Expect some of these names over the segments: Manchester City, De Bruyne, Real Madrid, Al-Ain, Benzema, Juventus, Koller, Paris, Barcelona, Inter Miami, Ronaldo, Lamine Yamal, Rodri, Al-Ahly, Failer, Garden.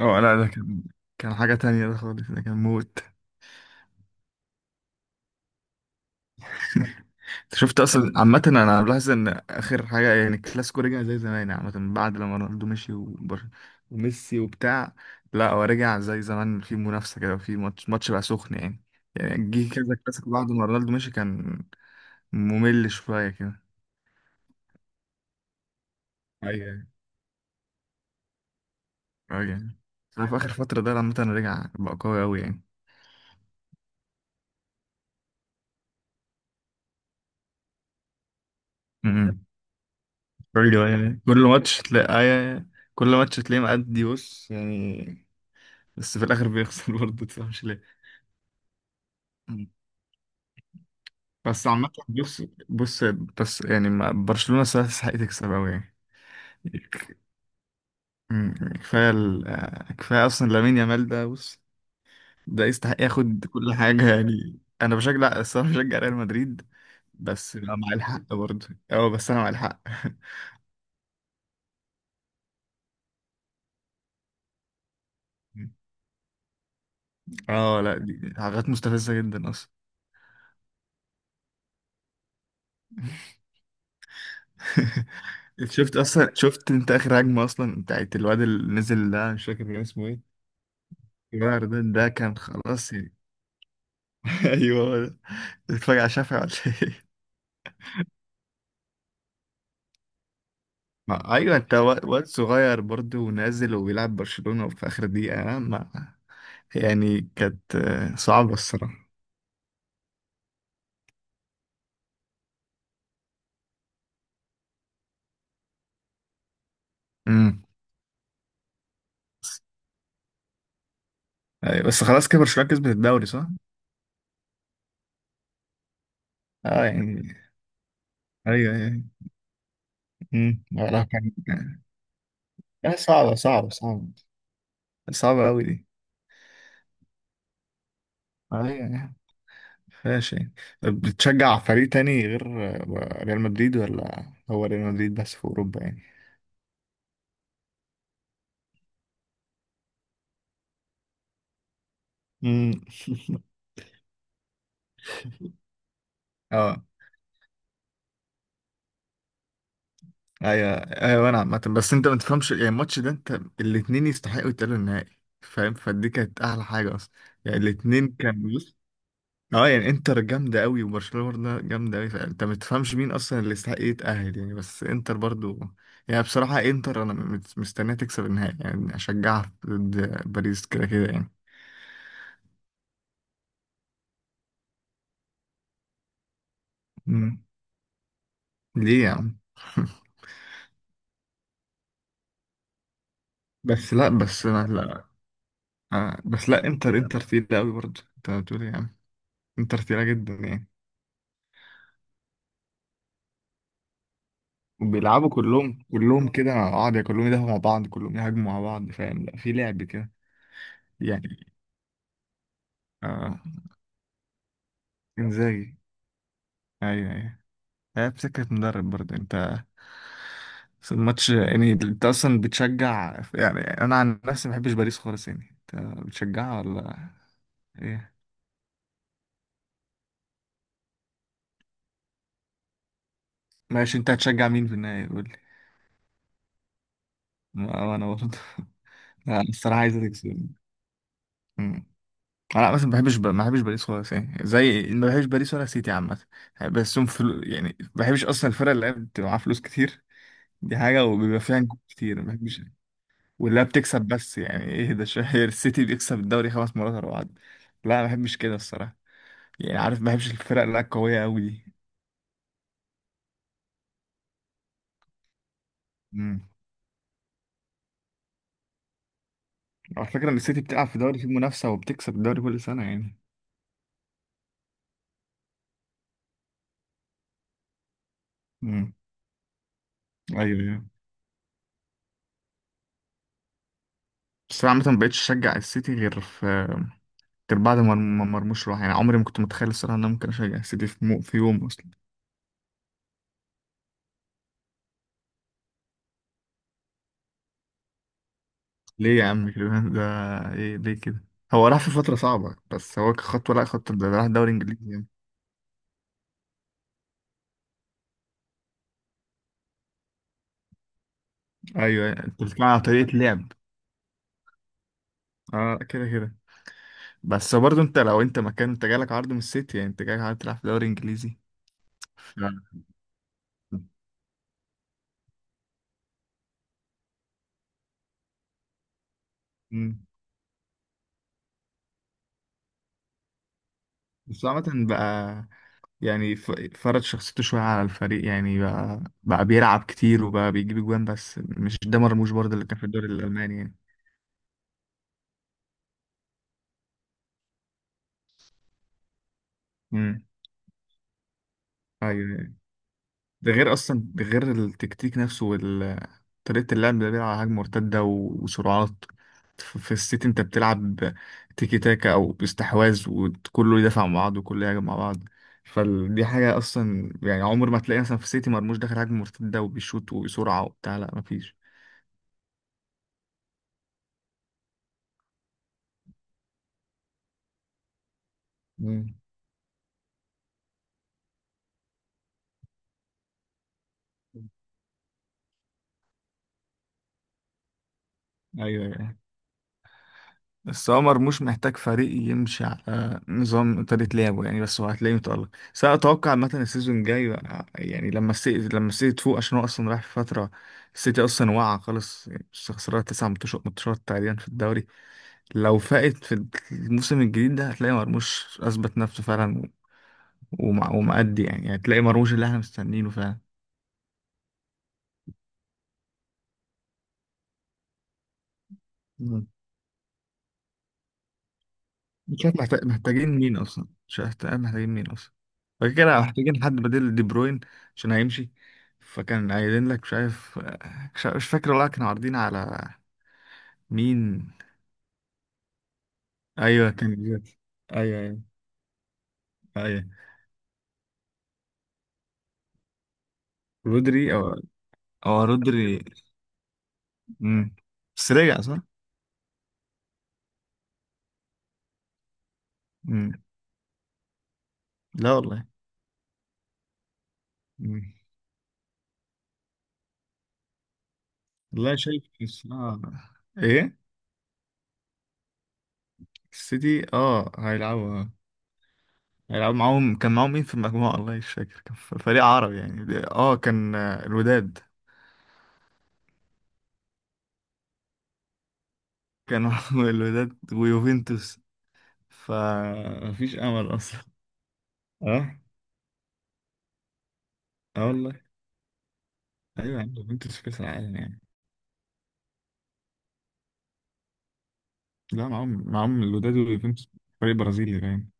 اه لا ده كان حاجة تانية ده خالص ده كان موت. انت شفت اصلا عامة انا بلاحظ ان اخر حاجة يعني الكلاسيكو رجع زي زمان يعني عامة بعد لما رونالدو مشي وميسي وبتاع. لا هو رجع زي زمان في منافسة كده في ماتش ماتش بقى سخن يعني جه كذا كلاسيكو بعد ما رونالدو مشي كان ممل شوية كده. ايوه اه يعني انا في اخر فترة ده عامة رجع بقى قوي قوي يعني. امم. ايوه يعني كل ماتش تلاقي ايوه، كل ماتش تلاقيه مأدي بص يعني. بس في الاخر بيخسر برضه تفهمش ليه. مم. بس عامة بص بس يعني برشلونة صراحة تستحق تكسب أوي يعني. كفاية ال... آه، كفاية أصلا لامين يامال ده بص، ده يستحق ياخد كل حاجة يعني. أنا بشجع الصراحة بشجع ريال مدريد. بس أنا مع الحق برضه، بس أنا مع الحق. أه لا دي حاجات مستفزة جدا أصلا. شفت أصلا، شفت أنت آخر هجمة أصلا بتاعت الواد اللي نزل ده؟ مش فاكر كان اسمه إيه. جاردن، ده كان خلاص يعني. ايوه هو ده. بتتفرج على شافعي ولا؟ ايه؟ ما ايوه انت، واد صغير برضه ونازل وبيلعب برشلونة وفي اخر دقيقة ما يعني كانت صعبة الصراحة. امم ايوه بس خلاص كده برشلونة كسبت الدوري صح؟ اه يعني ايوه ايوه. والله كان. لا صعبة صعبة صعبة، صعبة قوي دي. ايوه يعني فيهاش يعني. طب بتشجع فريق تاني غير ريال مدريد ولا؟ هو ريال مدريد بس في اوروبا يعني؟ امم اه ايوه ايوه. انا عامة بس انت ما تفهمش يعني الماتش ده، انت الاتنين يستحقوا يتأهلوا النهائي فاهم؟ فدي كانت احلى حاجة اصلا. يعني الاتنين كان بص اه يعني انتر جامدة قوي وبرشلونة برضه جامدة قوي فانت ما تفهمش مين اصلا اللي يستحق يتأهل يعني. بس انتر برضه يعني بصراحة، انتر انا مستنيها تكسب النهائي يعني اشجعها ضد باريس كده كده يعني. مم. ليه يا عم؟ بس لا بس لا, لا. آه بس لا، انتر تقيلة قوي برضه، انت بتقول ايه يا عم؟ انتر تقيلة جدا يعني. بيلعبوا كلهم كلهم كده مع بعض يعني، كلهم يدافعوا مع بعض كلهم يهاجموا مع بعض فاهم؟ لا في لعب كده يعني. اه انزاجي، ايوه ايوه. هي بسكة مدرب برضه انت. بس الماتش يعني انت اصلا بتشجع؟ يعني انا عن نفسي ما بحبش باريس خالص يعني، انت بتشجعها ولا ايه؟ ماشي، انت هتشجع مين في النهاية قول لي. وانا برضه. لا الصراحة عايز تكسب. انا مثلا ما بحبش ما بحبش باريس خالص يعني. زي ما بحبش باريس ولا سيتي عامه. بس هم يعني ما بحبش اصلا الفرق اللي بتبقى معاها فلوس كتير، دي حاجه، وبيبقى فيها نجوم كتير ما بحبش. واللي بتكسب بس يعني ايه ده شهير؟ السيتي بيكسب الدوري خمس مرات ورا بعض. لا ما بحبش كده الصراحه، يعني عارف ما بحبش الفرق اللي هي القويه قوي دي. امم، على فكره ان السيتي بتلعب في دوري فيه منافسه وبتكسب الدوري كل سنه يعني. امم ايوه ايوه. بس انا عامه ما بقتش اشجع السيتي غير في، غير بعد ما ما مرموش راح يعني. عمري ما كنت متخيل الصراحة ان انا ممكن اشجع السيتي في, في يوم اصلا. ليه يا عم كده؟ ده ايه ليه كده؟ هو راح في فترة صعبة بس هو كخطوة، لا، خطوة ده راح دوري انجليزي يعني. ايوه انت بتتكلم على طريقة لعب. اه كده كده. بس برضه انت لو انت مكان، انت جالك عرض من السيتي يعني انت جالك عرض تلعب في دوري انجليزي. ف... مم. بس عامة بقى يعني فرض شخصيته شوية على الفريق يعني، بقى بيلعب كتير وبقى بيجيب جوان، بس مش ده مرموش برضه اللي كان في الدوري الألماني. يعني ايوه، ده غير اصلا، ده غير التكتيك نفسه وال طريقة اللعب. ده بيلعب على هجمة مرتدة وسرعات، في السيتي انت بتلعب تيكي تاكا او استحواذ وكله يدافع مع بعض وكله يهاجم مع بعض. فدي حاجة اصلا يعني عمر ما تلاقي مثلا في السيتي مرموش داخل هجمة مرتدة وبيشوط وبسرعة وبتاع، لا مفيش. مم. ايوه أيوة. بس هو مرموش محتاج فريق يمشي على نظام طريقة لعبه يعني، بس هو هتلاقيه متألق. بس أنا أتوقع مثلا السيزون الجاي يعني لما السيتي، لما السيتي تفوق، عشان هو أصلا رايح في فترة. السيتي أصلا واقع خالص، خسرانة تسع ماتشات ماتشات تقريبا في الدوري. لو فاقت في الموسم الجديد ده هتلاقي مرموش أثبت نفسه فعلا، ومأدي، يعني هتلاقي مرموش اللي احنا مستنيينه فعلا. مش عارف محتاج، محتاجين مين اصلا؟ مش عارف محتاجين مين اصلا. فكده كده محتاجين حد بديل دي بروين، عشان هيمشي. فكان قايلين لك مش عارف، مش فاكر والله كانوا عارضين على مين. ايوه كان جات. ايوه ايوه ايوه رودري او رودري. امم، بس رجع صح؟ امم لا والله. امم، لا شايف الصراحة. ايه؟ السيتي اه هيلعبوا آه. هيلعبوا معاهم، كان معاهم مين في المجموعة؟ والله مش فاكر، كان فريق عربي يعني. اه كان الوداد. كانوا الوداد ويوفنتوس، فمفيش امل اصلا. اه، اه والله. ايوه يعني يوفنتوس في كاس العالم يعني. لا معاهم، معاهم الوداد ويوفنتوس، فريق برازيلي باين.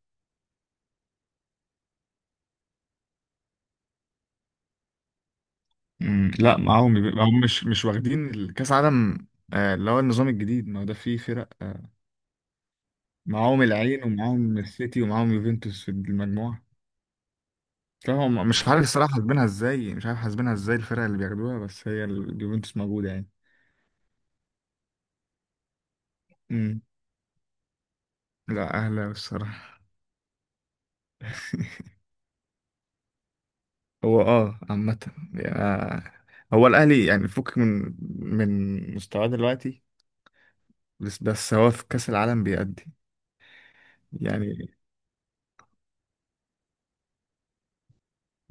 مم، لا معاهم معاهم مش واخدين كاس عالم. اللي هو النظام الجديد، ما هو ده فيه فرق معاهم العين ومعاهم السيتي ومعاهم يوفنتوس في المجموعة. لا هم مش عارف الصراحة حاسبينها ازاي، مش عارف حاسبينها ازاي الفرق اللي بياخدوها، بس هي اليوفنتوس موجودة يعني. مم. لا أهلا الصراحة. هو اه عامة يعني هو الأهلي يعني فك من، من مستواه دلوقتي، بس بس هو في كأس العالم بيأدي. يعني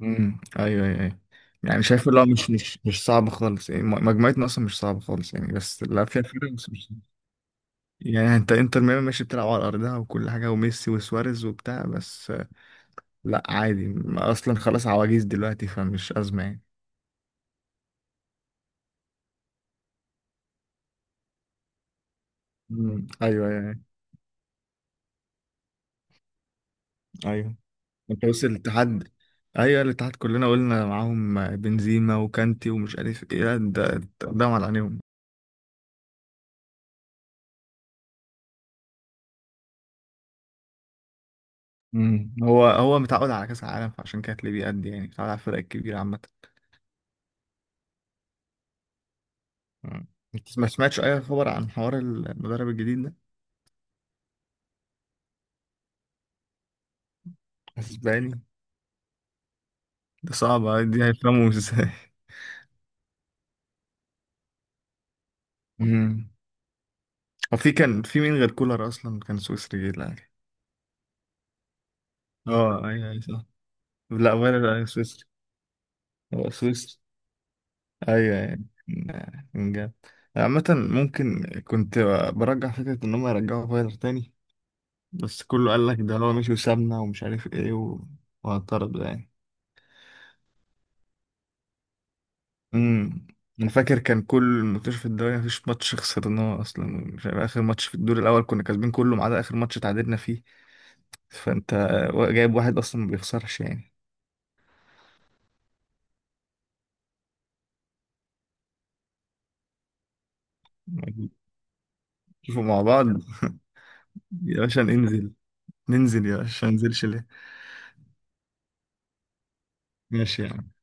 ايوه ايوه أيوة. يعني شايف اللي هو مش صعب خالص يعني مجموعتنا اصلا مش صعبة خالص يعني، بس لا فيها فرق بس مش صعبة. يعني انت انتر ميامي ماشي بتلعب على ارضها وكل حاجة وميسي وسواريز وبتاع، بس لا عادي اصلا خلاص عواجيز دلوقتي فمش أزمة يعني. ايوه ايوه أيوة. انت بص الاتحاد، ايوه الاتحاد كلنا قلنا معاهم بنزيما وكانتي ومش عارف ايه. لا ده على عينيهم. هو متعود على كاس العالم فعشان كده تلاقيه بيأدي يعني، متعود على الفرق الكبيره عامه. أمم. انت ما سمعتش اي خبر عن حوار المدرب الجديد ده؟ اسباني؟ ده صعب أوي، دي هيفهموا ازاي؟ أمم. هو في كان في مين غير كولر اصلا كان سويسري جه الاهلي؟ اه ايوه ايوه صح. لا غير سويسري. هو سويسري. ايوه يعني، من جد. عامة ممكن كنت برجع فكرة ان هم يرجعوا فايلر تاني، بس كله قال لك ده هو مشي وسابنا ومش عارف ايه وهطرد يعني. امم انا فاكر كان كل منتشر في الدوري مفيش ماتش خسرناه اصلا. مش عارف اخر ماتش في الدور الاول كنا كاسبين كله ما عدا اخر ماتش تعادلنا فيه، فانت جايب واحد اصلا ما بيخسرش يعني. شوفوا مع بعض يا باشا، ننزل ننزل يا باشا، ما ننزلش ليه؟ ماشي يا عم.